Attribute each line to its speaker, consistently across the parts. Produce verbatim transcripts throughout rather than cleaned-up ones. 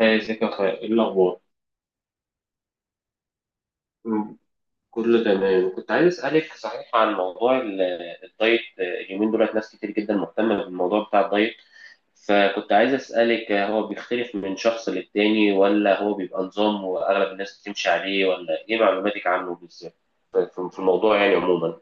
Speaker 1: هاي، ازيك يا اخويا؟ ايه الاخبار؟ مم. كله تمام. كنت عايز اسالك صحيح عن موضوع ال- الدايت. اليومين دولت ناس كتير جدا مهتمه بالموضوع بتاع الدايت، فكنت عايز اسالك، هو بيختلف من شخص للتاني ولا هو بيبقى نظام واغلب الناس بتمشي عليه؟ ولا ايه معلوماتك عنه بالذات في في الموضوع يعني عموما؟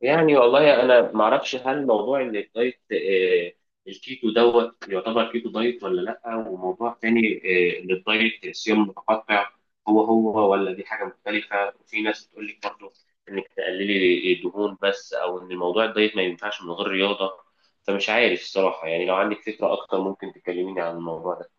Speaker 1: يعني والله انا ما اعرفش، هل موضوع ان الدايت آه، الكيتو دوت يعتبر كيتو دايت ولا لا، وموضوع تاني آه، ان الدايت صيام متقطع هو هو، ولا دي حاجه مختلفه؟ وفي ناس بتقول لك برضه انك تقللي دهون بس، او ان موضوع الدايت ما ينفعش من غير رياضه. فمش عارف الصراحه، يعني لو عندك فكره اكتر ممكن تكلميني عن الموضوع ده.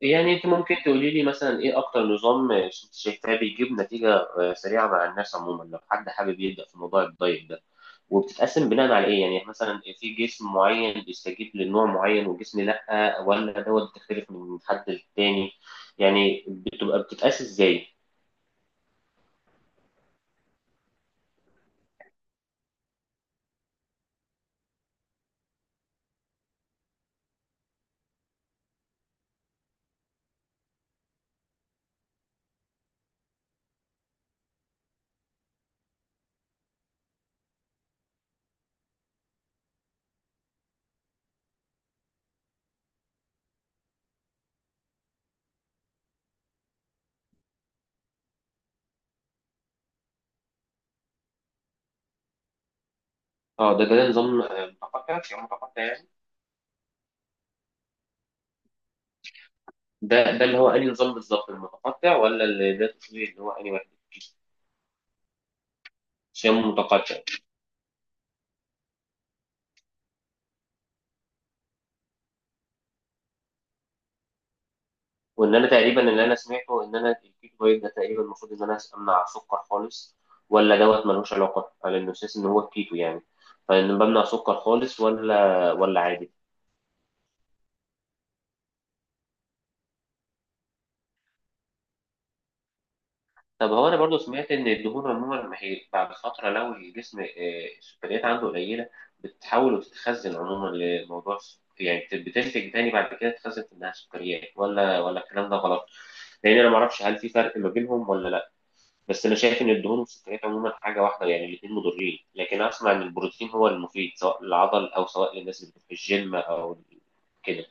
Speaker 1: يعني انت ممكن تقولي لي مثلا ايه اكتر نظام آه، شايفاه بيجيب نتيجه آه، سريعه مع الناس عموما، لو حد حابب يبدا في موضوع الدايت ده، وبتتقسم بناء على ايه؟ يعني مثلا في جسم معين بيستجيب لنوع معين وجسم لا، ولا دوت بتختلف من حد للتاني؟ يعني بتبقى بتتقاس ازاي؟ اه، ده ده نظام آه، متقطع، يعني متقطع يعني. ده ده اللي هو انهي نظام بالظبط، المتقطع ولا اللي ده تقصدي اللي هو انهي واحد؟ شام متقطع. وان انا تقريبا اللي انا سمعته ان انا الكيتو دايت ده تقريبا المفروض ان انا امنع السكر خالص، ولا دوت ملوش علاقه على انه اساس ان هو الكيتو يعني؟ فان بمنع سكر خالص ولا ولا عادي؟ طب هو انا برضو سمعت ان الدهون عموما لما هي بعد فتره، لو الجسم آه، السكريات عنده قليله، بتتحول وتتخزن عموما لموضوع الس- يعني بت- بتنتج تاني بعد كده، تتخزن في انها سكريات، ولا ولا الكلام ده غلط؟ لان انا ما اعرفش هل في فرق ما بينهم ولا لا. بس انا شايف ان الدهون والسكريات عموما حاجه واحده، يعني الاثنين مضرين، لكن اسمع ان البروتين هو المفيد سواء للعضل او سواء للناس اللي في الجيم او كده.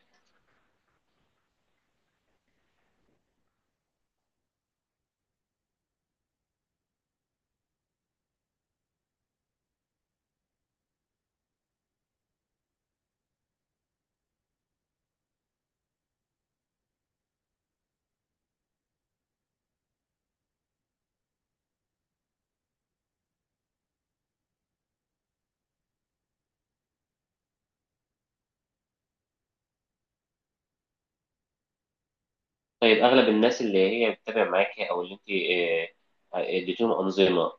Speaker 1: طيب، أغلب الناس اللي هي بتتابع معاكي أو اللي أنت آه، آه، اديتيهم أنظمة،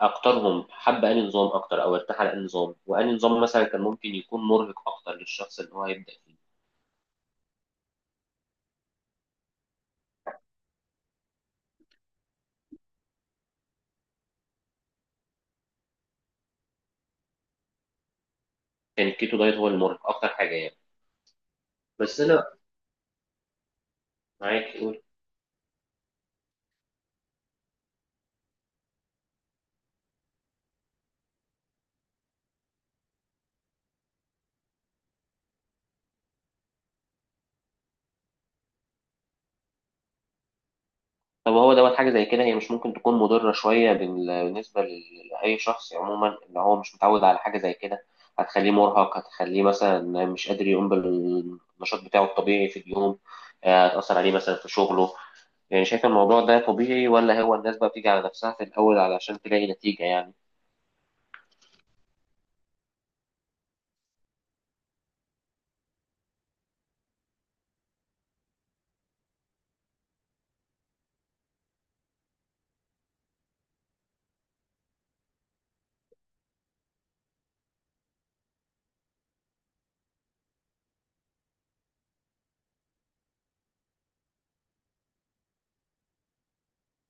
Speaker 1: أكترهم حب أنهي نظام أكتر أو ارتاح على أنهي نظام، وأنهي نظام مثلا كان ممكن يكون مرهق أكتر للشخص اللي هو هيبدأ فيه؟ كان الكيتو دايت هو المرهق أكتر حاجة يعني؟ بس أنا، معاك قول. طب هو دوت حاجة زي كده هي مش ممكن تكون مضرة شوية بال- بالنسبة ل- لأي شخص عموما اللي هو مش متعود على حاجة زي كده؟ هتخليه مرهق، هتخليه مثلا مش قادر يقوم بالنشاط بتاعه الطبيعي في اليوم، آه، هتأثر عليه مثلا في شغله. يعني شايف الموضوع ده طبيعي، ولا هو الناس بقى بتيجي على نفسها في الأول علشان تلاقي نتيجة يعني؟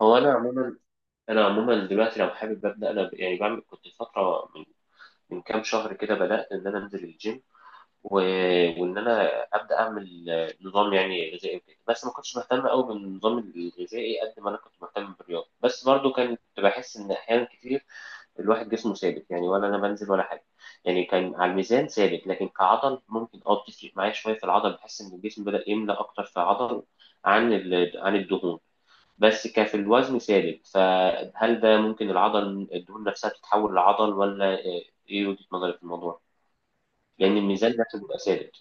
Speaker 1: هو أنا عموما، أنا عموما دلوقتي لو حابب أبدأ أنا ب- يعني بعمل، كنت فترة من من كام شهر كده بدأت إن أنا أنزل الجيم، و... وإن أنا أبدأ أعمل آه، نظام يعني غذائي وكده. بس ما كنتش مهتم أوي بالنظام الغذائي قد ما أنا كنت مهتم بالرياضة، بس برضو كنت بحس إن أحيانا كتير الواحد جسمه ثابت، يعني ولا انا بنزل ولا حاجه. يعني كان على الميزان ثابت لكن كعضل، ممكن اه بتفرق معايا شويه في العضل، بحس ان الجسم بدا يملى اكتر في عضل عن ال- عن الدهون. بس كان في الوزن ثابت، فهل ده ممكن العضل الدهون نفسها تتحول لعضل، ولا آه ايه وجهه نظرك في الموضوع؟ لان الميزان نفسه بيبقى ثابت.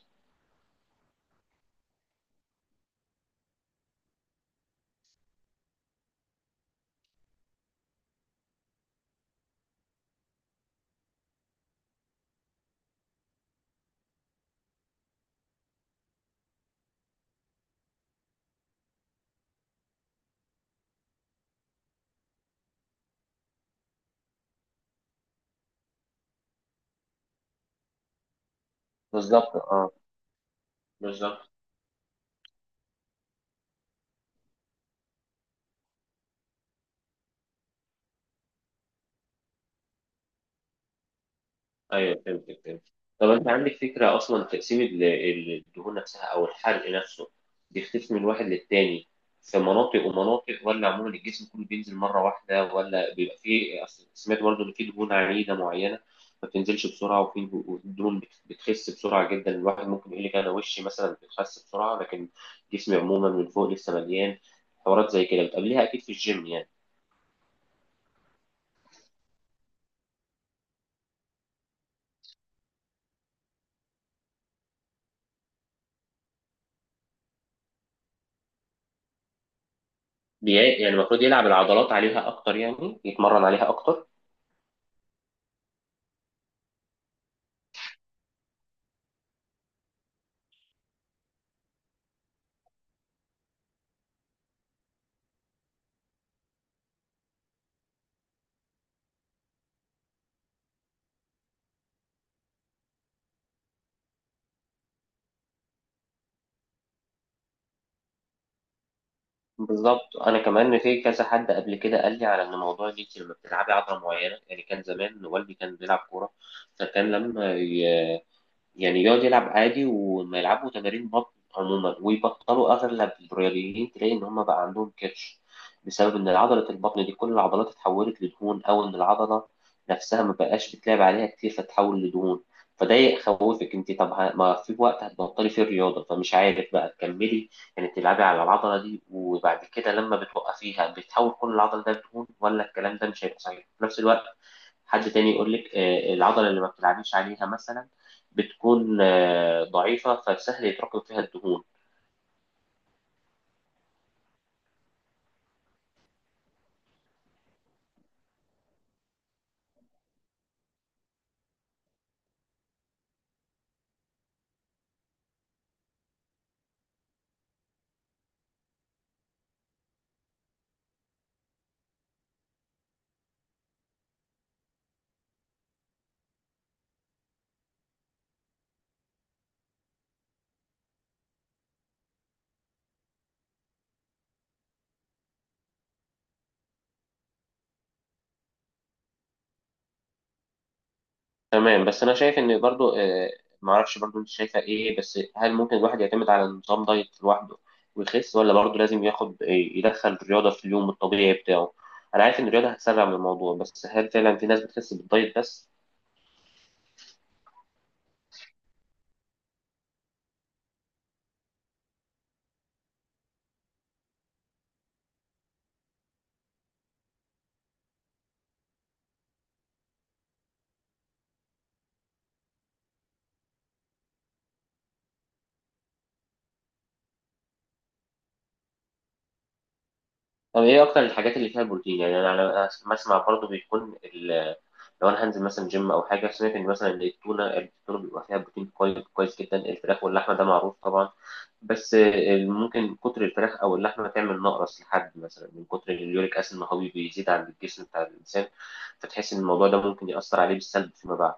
Speaker 1: بالظبط، اه بالظبط. ايوه فهمتك، فهمت. طب انت عندك فكره اصلا، تقسيم ال- ال- الدهون نفسها او الحرق نفسه بيختلف من واحد للتاني في مناطق ومناطق، ولا عموما الجسم كله بينزل مره واحده، ولا بيبقى فيه؟ أصل سمعت برضه ان في دهون عنيده معينه ما بتنزلش بسرعه، وفي دهون بت- بتخس بسرعه جدا. الواحد ممكن يقول لك انا وشي مثلا بتخس بسرعه، لكن جسمي عموما من فوق لسه مليان. حوارات زي كده بتقابليها اكيد في الجيم يعني. بي- يعني المفروض يلعب العضلات عليها اكتر، يعني يتمرن عليها اكتر. بالظبط، انا كمان في كذا حد قبل كده قال لي على ان موضوع ان انت لما بتلعبي عضله معينه، يعني كان زمان والدي كان بيلعب كوره، فكان لما ي... يعني يقعد يلعب عادي وما يلعبوا تمارين بطن عموما ويبطلوا، اغلب الرياضيين تلاقي ان هم بقى عندهم كرش، بسبب ان عضله البطن دي كل العضلات اتحولت لدهون، او ان العضله نفسها ما بقاش بتلعب عليها كتير فتتحول لدهون. فده يخوفك انت. طب ه- ما في وقت هتبطلي فيه الرياضه، فمش عارف بقى تكملي، يعني تلعبي على العضله دي وبعد كده لما بتوقفيها بتحول كل العضله ده لدهون، ولا الكلام ده مش هيبقى صحيح؟ في نفس الوقت حد تاني يقول لك آه، العضلة اللي ما بتلعبيش عليها مثلا بتكون آه، ضعيفة، فسهل يتراكم فيها الدهون. تمام، بس أنا شايف إن برضو، آه، معرفش برضو أنت شايفة إيه، بس هل ممكن الواحد يعتمد على نظام دايت لوحده ويخس، ولا برضو لازم ياخد، آه، يدخل الرياضة في اليوم الطبيعي بتاعه؟ أنا عارف إن الرياضة هتسرع من الموضوع، بس هل فعلا في ناس بتخس بالدايت بس؟ طب ايه اكتر الحاجات اللي فيها بروتين يعني؟ انا انا بسمع برضو بيكون ال- لو انا هنزل مثلا جيم او حاجه، سمعت ان مثلا إن التونه التونه بيبقى فيها بروتين كويس كويس جدا، الفراخ واللحمه ده معروف طبعا. بس آه، ممكن كتر الفراخ او اللحمه تعمل نقرس لحد مثلا، من كتر اليوريك اسيد ما هو بيزيد عند الجسم بتاع الانسان، فتحس ان الموضوع ده ممكن ياثر عليه بالسلب فيما بعد.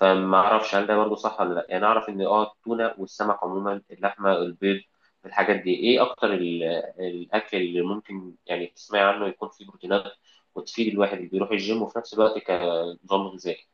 Speaker 1: فما اعرفش هل ده برضه صح ولا لا. يعني اعرف ان اه التونه والسمك عموما، اللحمه، البيض، الحاجات دي ايه اكتر الاكل اللي ممكن يعني تسمعي عنه يكون فيه بروتينات، وتفيد الواحد اللي بيروح الجيم وفي نفس الوقت كنظام غذائي.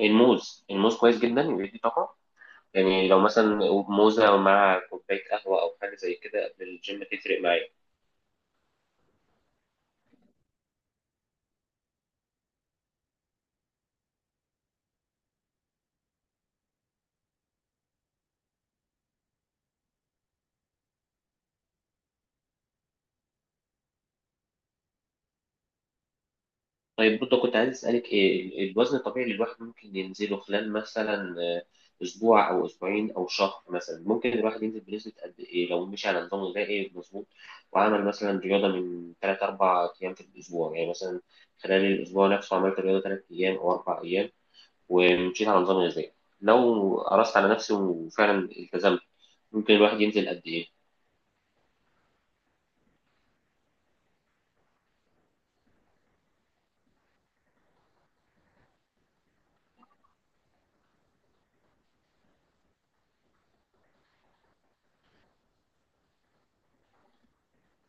Speaker 1: الموز، الموز كويس جدا ويدي طاقه. يعني لو مثلا موزه مع كوبايه قهوه او حاجه زي كده قبل الجيم تفرق معايا. طيب برضه كنت عايز أسألك إيه ال- الوزن الطبيعي اللي الواحد ممكن ينزله خلال مثلا آه، أسبوع أو أسبوعين أو شهر؟ مثلا ممكن الواحد ينزل بنسبة قد إيه لو مشي على نظام غذائي مظبوط وعمل مثلا رياضة من تلات أربع أيام في الأسبوع، يعني مثلا خلال الأسبوع نفسه عملت رياضة تلات أيام أو أربع أيام ومشيت على نظام غذائي، لو قرصت على نفسي وفعلا التزمت، ممكن الواحد ينزل قد إيه؟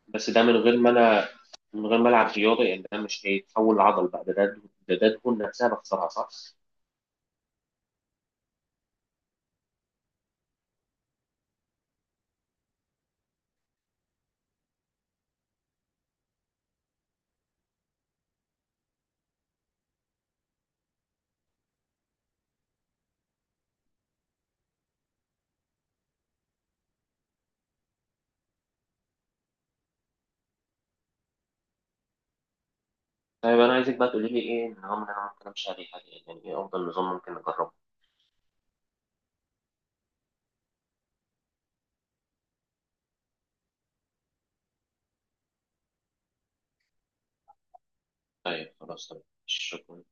Speaker 1: بس ده من غير ما انا من غير ما العب رياضه، يعني ده مش هيتحول لعضل بقى، ده ده دهون- ده ده دهون نفسها بخسرها صح؟ طيب انا عايزك بقى تقولي لي ايه النظام اللي انا ممكن امشي عليه حاليا؟ يعني ايه افضل نظام ممكن اجربه؟ طيب خلاص، تمام، شكرا.